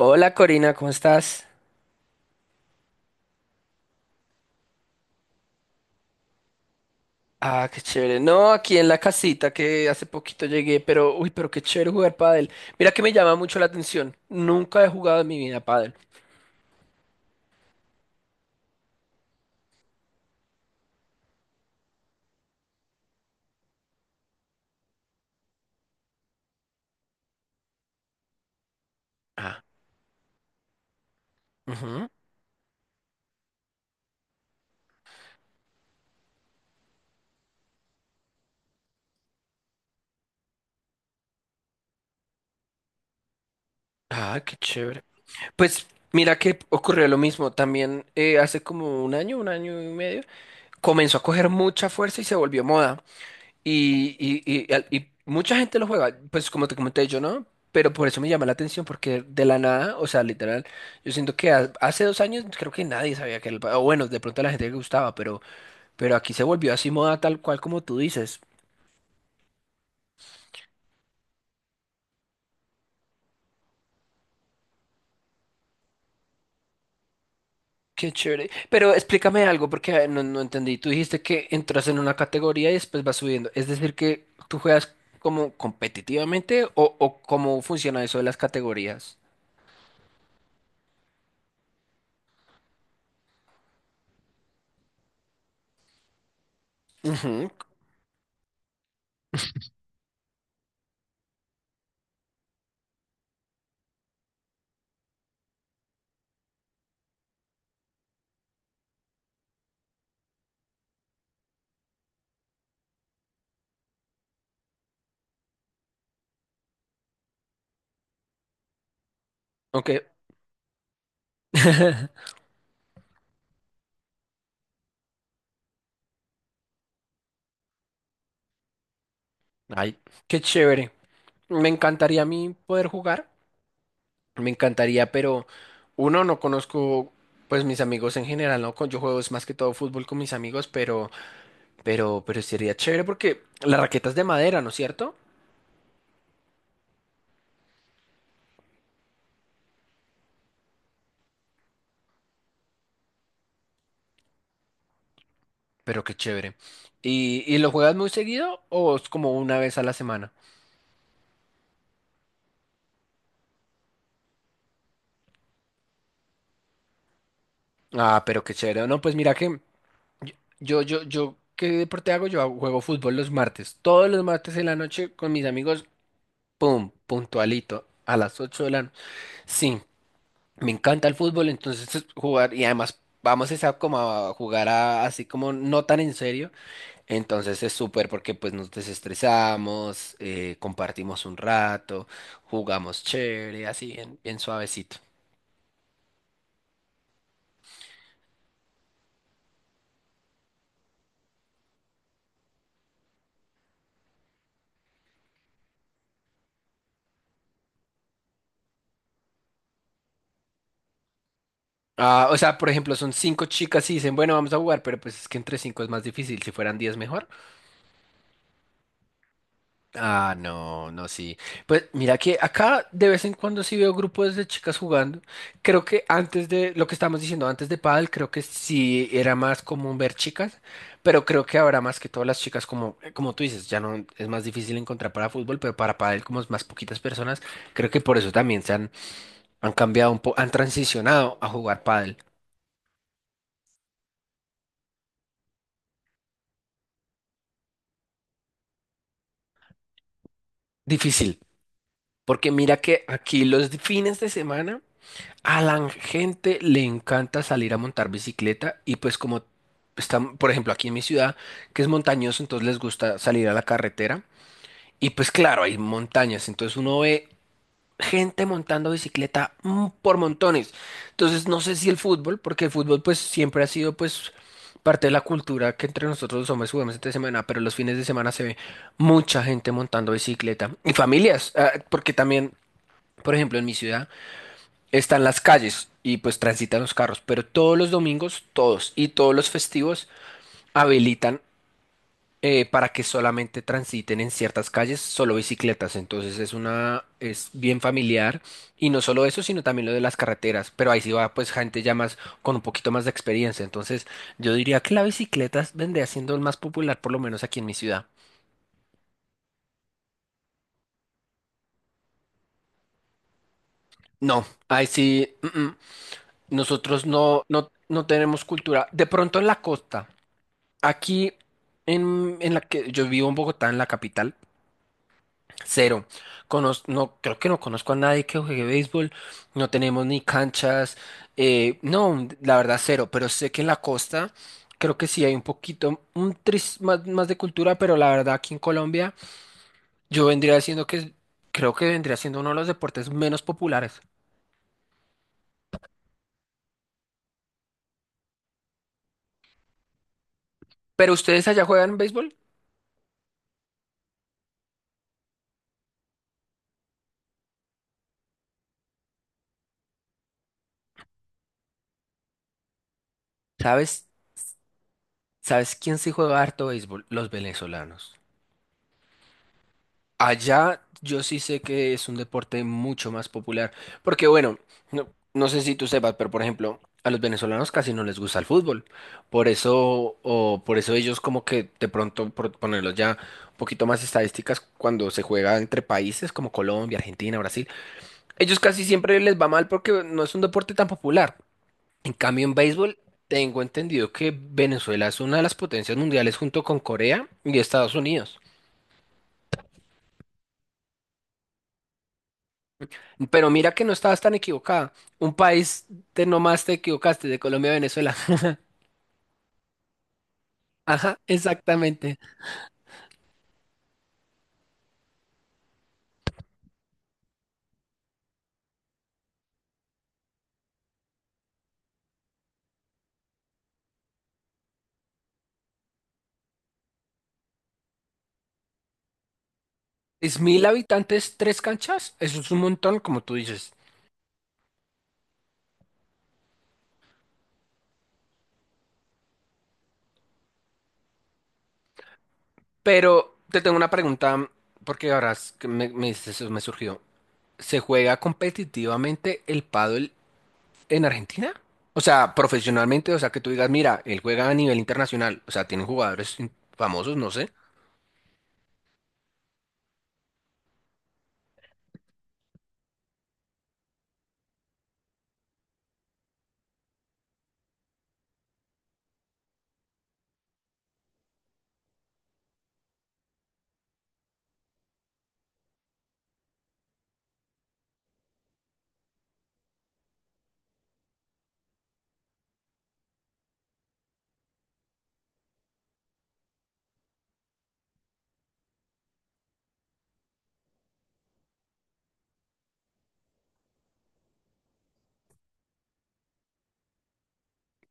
Hola Corina, ¿cómo estás? Ah, qué chévere. No, aquí en la casita que hace poquito llegué, pero uy, pero qué chévere jugar pádel. Mira que me llama mucho la atención. Nunca he jugado en mi vida pádel. Ah, ujú. Ah, qué chévere. Pues mira que ocurrió lo mismo. También hace como 1 año, 1 año y medio, comenzó a coger mucha fuerza y se volvió moda. Y, y, y mucha gente lo juega, pues como te comenté yo, ¿no? Pero por eso me llama la atención, porque de la nada, o sea, literal, yo siento que hace 2 años creo que nadie sabía que era el... O bueno, de pronto a la gente le gustaba, pero aquí se volvió así moda tal cual como tú dices. Qué chévere. Pero explícame algo, porque no entendí. Tú dijiste que entras en una categoría y después vas subiendo. Es decir, que tú juegas como competitivamente o cómo funciona eso de las categorías. Ujú. Ok. Ay, qué chévere. Me encantaría a mí poder jugar, me encantaría, pero uno, no conozco pues mis amigos en general, ¿no? Yo juego es más que todo fútbol con mis amigos, pero, pero sería chévere porque la raqueta es de madera, ¿no es cierto? Pero qué chévere. Y lo juegas muy seguido o es como una vez a la semana? Ah, pero qué chévere. No, pues mira que yo, ¿qué deporte hago? Juego fútbol los martes, todos los martes en la noche con mis amigos, pum, puntualito, a las 8 de la noche. Sí, me encanta el fútbol, entonces jugar y además vamos esa como a así como no tan en serio, entonces es súper porque pues nos desestresamos, compartimos un rato, jugamos chévere, así bien, bien suavecito. Ah, o sea, por ejemplo, son 5 chicas y dicen, bueno, vamos a jugar, pero pues es que entre 5 es más difícil, si fueran 10 mejor. Ah, no, no, sí. Pues mira que acá de vez en cuando sí veo grupos de chicas jugando. Creo que antes de lo que estábamos diciendo antes de pádel, creo que sí era más común ver chicas, pero creo que ahora más que todas las chicas como tú dices, ya no es más difícil encontrar para fútbol, pero para pádel como es más poquitas personas, creo que por eso también se han han cambiado un poco, han transicionado a jugar pádel. Difícil, porque mira que aquí los fines de semana a la gente le encanta salir a montar bicicleta y pues como están, por ejemplo, aquí en mi ciudad, que es montañoso, entonces les gusta salir a la carretera y pues claro, hay montañas, entonces uno ve gente montando bicicleta por montones. Entonces no sé si el fútbol, porque el fútbol pues siempre ha sido pues parte de la cultura que entre nosotros los hombres jugamos entre semana, pero los fines de semana se ve mucha gente montando bicicleta y familias, ah, porque también, por ejemplo, en mi ciudad están las calles y pues transitan los carros, pero todos los domingos, todos y todos los festivos habilitan para que solamente transiten en ciertas calles solo bicicletas. Entonces es bien familiar y no solo eso, sino también lo de las carreteras. Pero ahí sí va pues gente ya más con un poquito más de experiencia. Entonces yo diría que la bicicleta vendría siendo el más popular, por lo menos aquí en mi ciudad. No, ahí sí. Mm. Nosotros no, no tenemos cultura. De pronto en la costa. Aquí en la que yo vivo en Bogotá, en la capital, cero. No, creo que no conozco a nadie que juegue béisbol. No tenemos ni canchas. No, la verdad, cero. Pero sé que en la costa creo que sí hay un poquito, un tris más, más de cultura, pero la verdad aquí en Colombia yo vendría diciendo que creo que vendría siendo uno de los deportes menos populares. Pero ustedes allá juegan béisbol. ¿Sabes? ¿Sabes quién sí juega harto béisbol? Los venezolanos. Allá yo sí sé que es un deporte mucho más popular, porque bueno, no, no sé si tú sepas, pero por ejemplo, a los venezolanos casi no les gusta el fútbol, por eso, o por eso ellos como que de pronto, por ponerlos ya un poquito más estadísticas, cuando se juega entre países como Colombia, Argentina, Brasil, ellos casi siempre les va mal porque no es un deporte tan popular. En cambio, en béisbol, tengo entendido que Venezuela es una de las potencias mundiales junto con Corea y Estados Unidos. Pero mira que no estabas tan equivocada. Un país de nomás te equivocaste, de Colombia a Venezuela. Ajá, exactamente. Es 1.000 habitantes, 3 canchas. Eso es un montón, como tú dices. Pero te tengo una pregunta, porque ahora es que me dices eso, me surgió. ¿Se juega competitivamente el pádel en Argentina? O sea, profesionalmente, o sea, que tú digas, mira, él juega a nivel internacional. O sea, tienen famosos, no sé.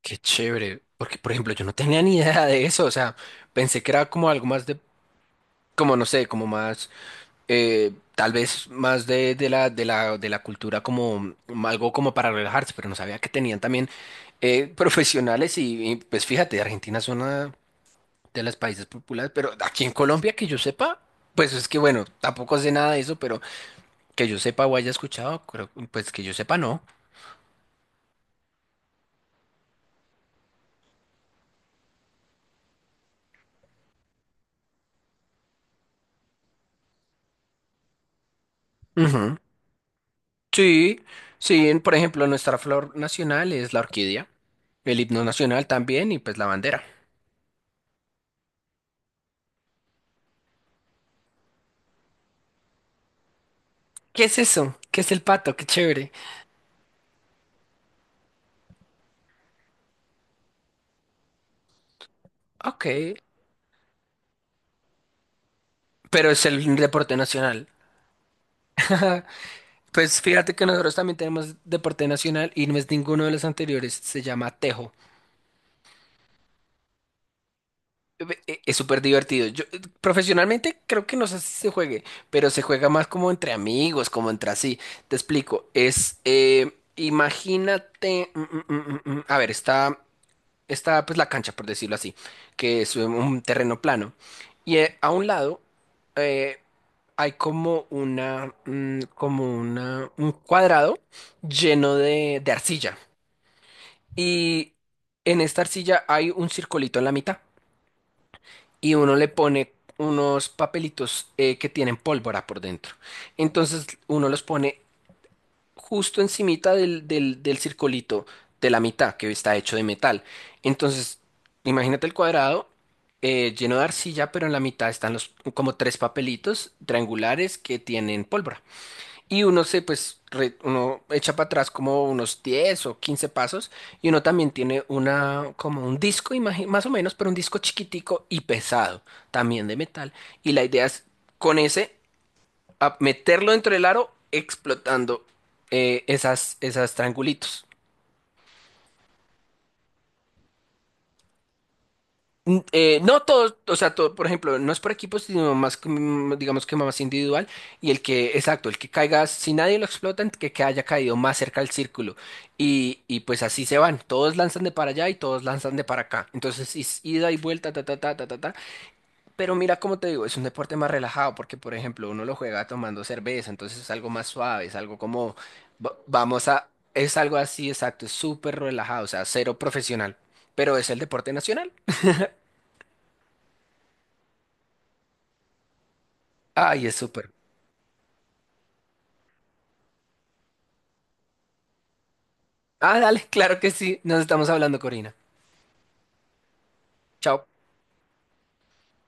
Qué chévere, porque por ejemplo yo no tenía ni idea de eso, o sea, pensé que era como algo más de como no sé, como más, tal vez más de la cultura como algo como para relajarse, pero no sabía que tenían también profesionales y, pues fíjate, Argentina es una de las países populares, pero aquí en Colombia que yo sepa, pues es que bueno, tampoco sé nada de eso, pero que yo sepa o haya escuchado, pues que yo sepa no. Ujú. Sí, sí, por ejemplo, nuestra flor nacional es la orquídea, el himno nacional también y pues la bandera. ¿Qué es eso? ¿Qué es el pato? Qué chévere. Ok, pero es el deporte nacional. Pues fíjate que nosotros también tenemos deporte nacional y no es ninguno de los anteriores, se llama tejo. Es súper divertido. Yo profesionalmente creo que no sé si se juegue, pero se juega más como entre amigos, como entre así. Te explico, es, imagínate, a ver, está pues la cancha, por decirlo así, que es un terreno plano. Y a un lado eh, hay como una, un cuadrado lleno de arcilla. Y en esta arcilla hay un circulito en la mitad y uno le pone unos papelitos que tienen pólvora por dentro. Entonces uno los pone justo encimita del circulito de la mitad que está hecho de metal. Entonces, imagínate el cuadrado lleno de arcilla, pero en la mitad están los como 3 papelitos triangulares que tienen pólvora. Y uno se pues re- uno echa para atrás como unos 10 o 15 pasos y uno también tiene una como un disco, más o menos, pero un disco chiquitico y pesado, también de metal. Y la idea es con ese a meterlo dentro del aro explotando esas triangulitos. No todos, o sea, todo, por ejemplo, no es por equipos, sino más, digamos que más individual. Y exacto, el que caiga, si nadie lo explota, que haya caído más cerca al círculo. Y pues así se van. Todos lanzan de para allá y todos lanzan de para acá. Entonces, es ida y vuelta, ta, ta, ta, ta, ta, ta. Pero mira, como te digo, es un deporte más relajado porque, por ejemplo, uno lo juega tomando cerveza, entonces es algo más suave, es algo como, va- vamos a, es algo así, exacto, es súper relajado, o sea, cero profesional, pero es el deporte nacional. Ay, es súper. Ah, dale, claro que sí, nos estamos hablando, Corina. Chao.